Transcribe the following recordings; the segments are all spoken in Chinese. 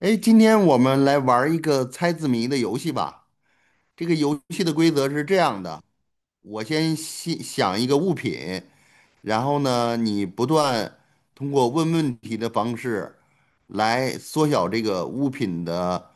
哎，今天我们来玩儿一个猜字谜的游戏吧。这个游戏的规则是这样的，我先想一个物品，然后呢，你不断通过问问题的方式来缩小这个物品的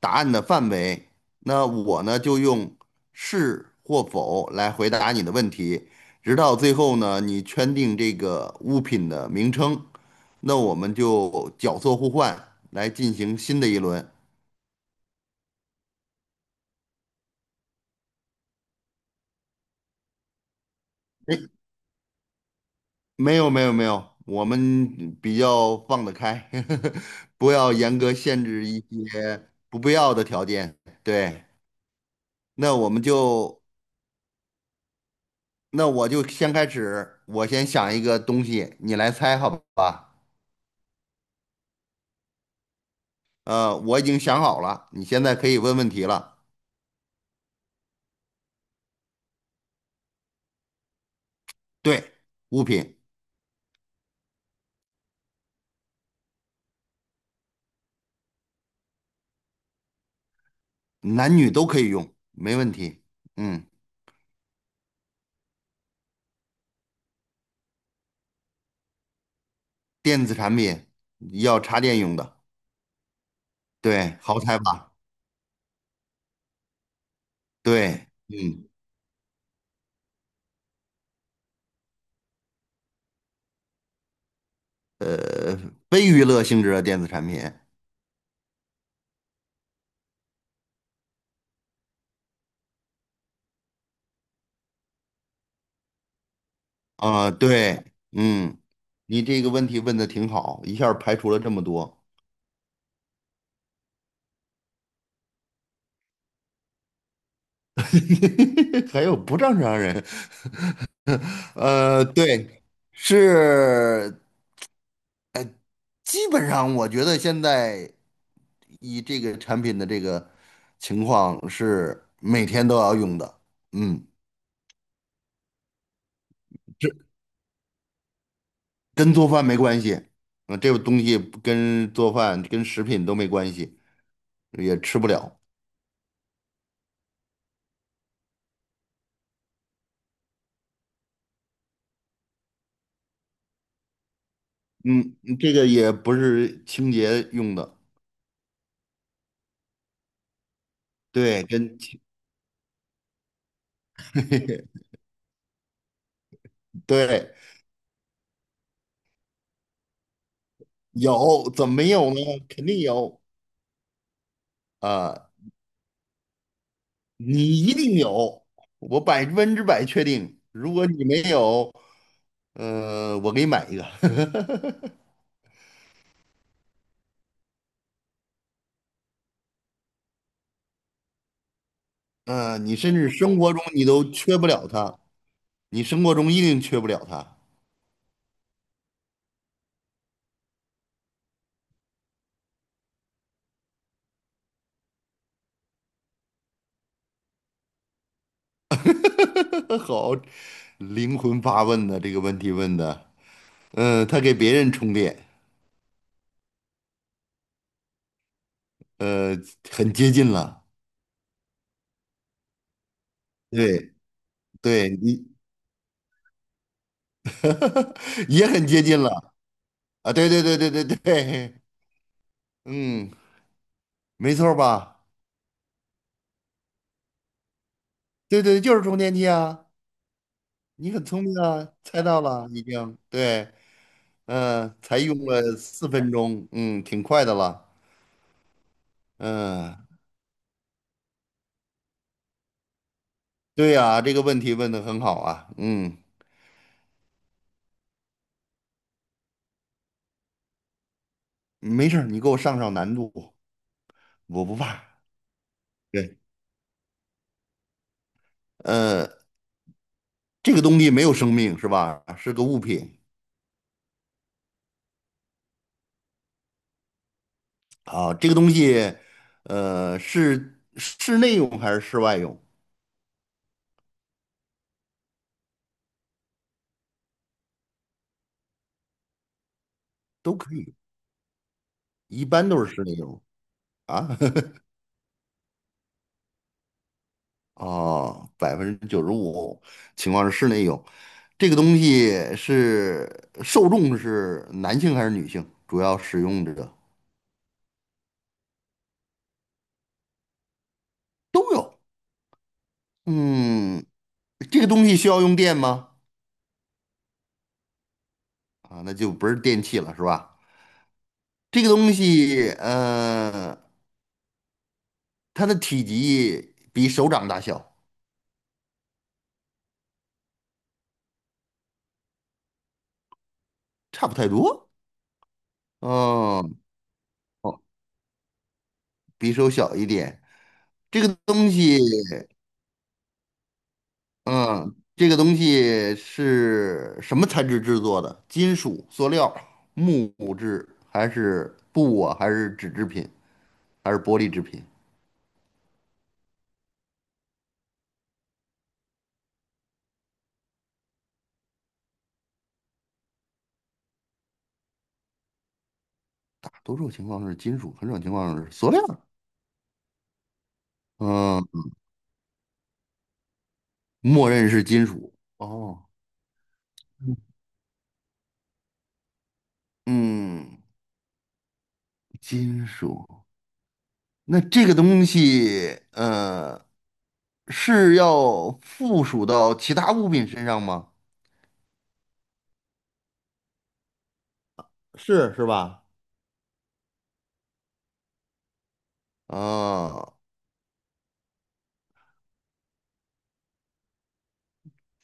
答案的范围。那我呢，就用是或否来回答你的问题，直到最后呢，你圈定这个物品的名称，那我们就角色互换来进行新的一轮。没有没有没有，我们比较放得开，不要严格限制一些不必要的条件。对，那我们就，那我就先开始，我先想一个东西，你来猜好吧？我已经想好了，你现在可以问问题了。对，物品，男女都可以用，没问题。嗯，电子产品要插电用的，对，好猜吧？对，嗯，呃，非娱乐性质的电子产品。啊，对，嗯，你这个问题问的挺好，一下儿排除了这么多，还有不正常人，对，是，呃，基本上我觉得现在以这个产品的这个情况是每天都要用的，嗯，这跟做饭没关系，啊，这个东西不跟做饭跟食品都没关系，也吃不了，嗯，这个也不是清洁用的。对，真 对，有怎么没有呢？肯定有啊，你一定有，我100%确定。如果你没有，我给你买一个。嗯、你甚至生活中你都缺不了它，你生活中一定缺不了它。好，灵魂发问的这个问题问的，嗯、他给别人充电，呃，很接近了。对，对你 也很接近了。啊，对对对对对对，嗯，没错儿吧？对对，就是充电器啊！你很聪明啊，猜到了已经。对，嗯、才用了4分钟，嗯，挺快的了。嗯、对呀、这个问题问的很好啊。嗯，没事儿，你给我上上难度，我不怕。对，呃，这个东西没有生命是吧？是个物品啊。这个东西，是室内用还是室外用都可以，一般都是室内用。啊，哦，95%情况是室内有，这个东西是受众是男性还是女性？主要使用者都有。嗯，这个东西需要用电吗？啊，那就不是电器了，是吧？这个东西，嗯，它的体积比手掌大小，差不太多。嗯，哦，比手小一点。这个东西。嗯，这个东西是什么材质制作的？金属、塑料、木质，还是布啊？还是纸制品？还是玻璃制品？多数情况是金属，很少情况是塑料。嗯，默认是金属。哦，嗯，金属。那这个东西，是要附属到其他物品身上吗？是是吧？啊、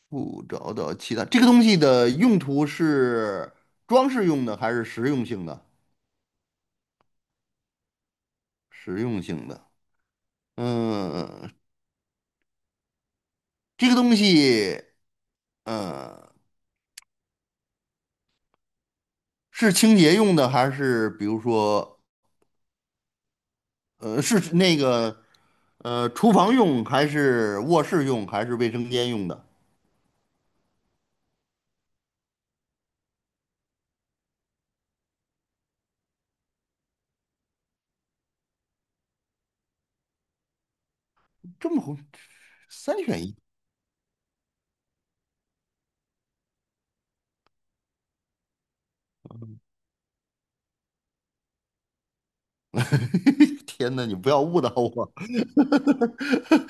不找到其他，这个东西的用途是装饰用的还是实用性的？实用性的，嗯，这个东西，嗯，是清洁用的还是比如说，呃，是那个，厨房用还是卧室用还是卫生间用的？这么红，三选一，天哪，你不要误导我，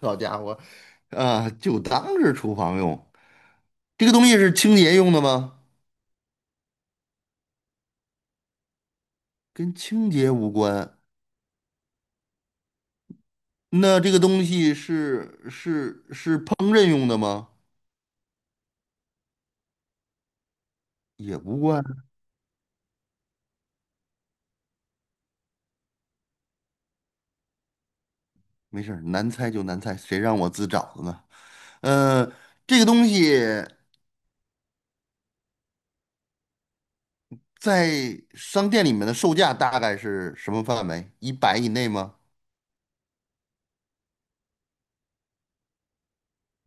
好家伙，啊，就当是厨房用。这个东西是清洁用的吗？跟清洁无关。那这个东西是烹饪用的吗？也无关，没事儿，难猜就难猜，谁让我自找的呢？嗯，这个东西在商店里面的售价大概是什么范围？100以内吗？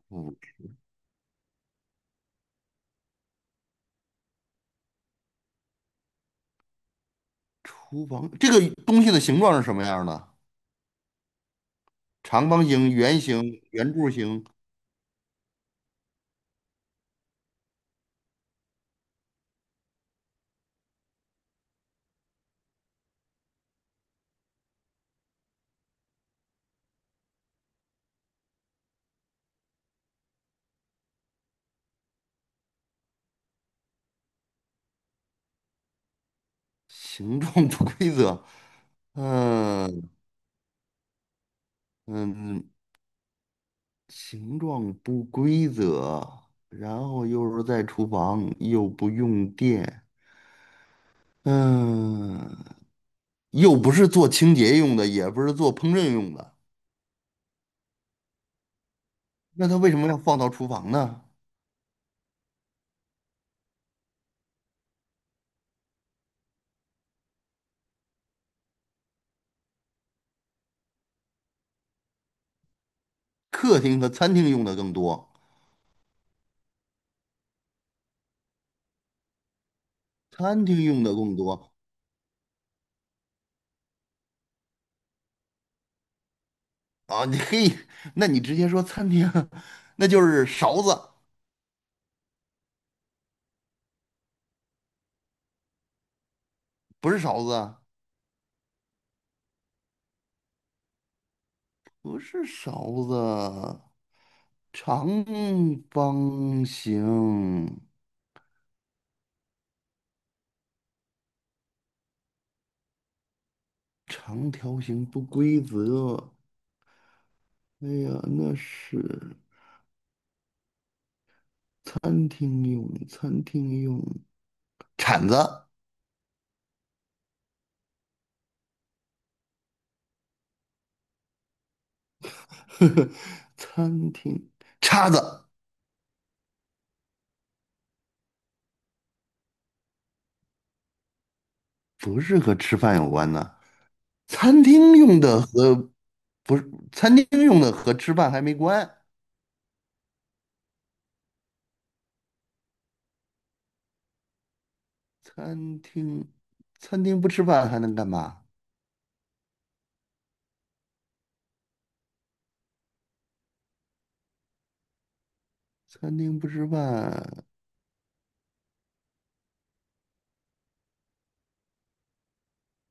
不，厨房这个东西的形状是什么样的？长方形、圆形、圆柱形，形状不规则。嗯嗯，形状不规则，然后又是在厨房，又不用电，嗯，又不是做清洁用的，也不是做烹饪用的，那它为什么要放到厨房呢？客厅和餐厅用的更多，餐厅用的更多啊！你嘿，那你直接说餐厅，那就是勺子，不是勺子啊不是勺子，长方形。长条形不规则，哎呀，那是餐厅用，餐厅用，铲子、餐厅叉子不是和吃饭有关的。餐厅用的和餐厅用的和吃饭还没关。餐厅餐厅不吃饭还能干嘛？餐厅不吃饭，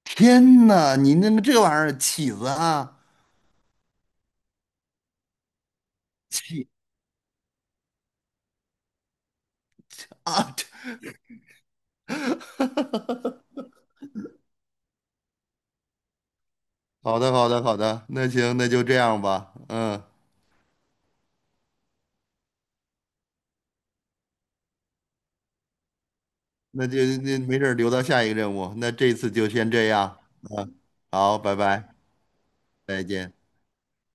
天呐，你那个这玩意儿起子啊，起啊！这好的，好的，好的，那行，那就这样吧。嗯，那就没事儿，留到下一个任务。那这次就先这样，好，拜拜，再见。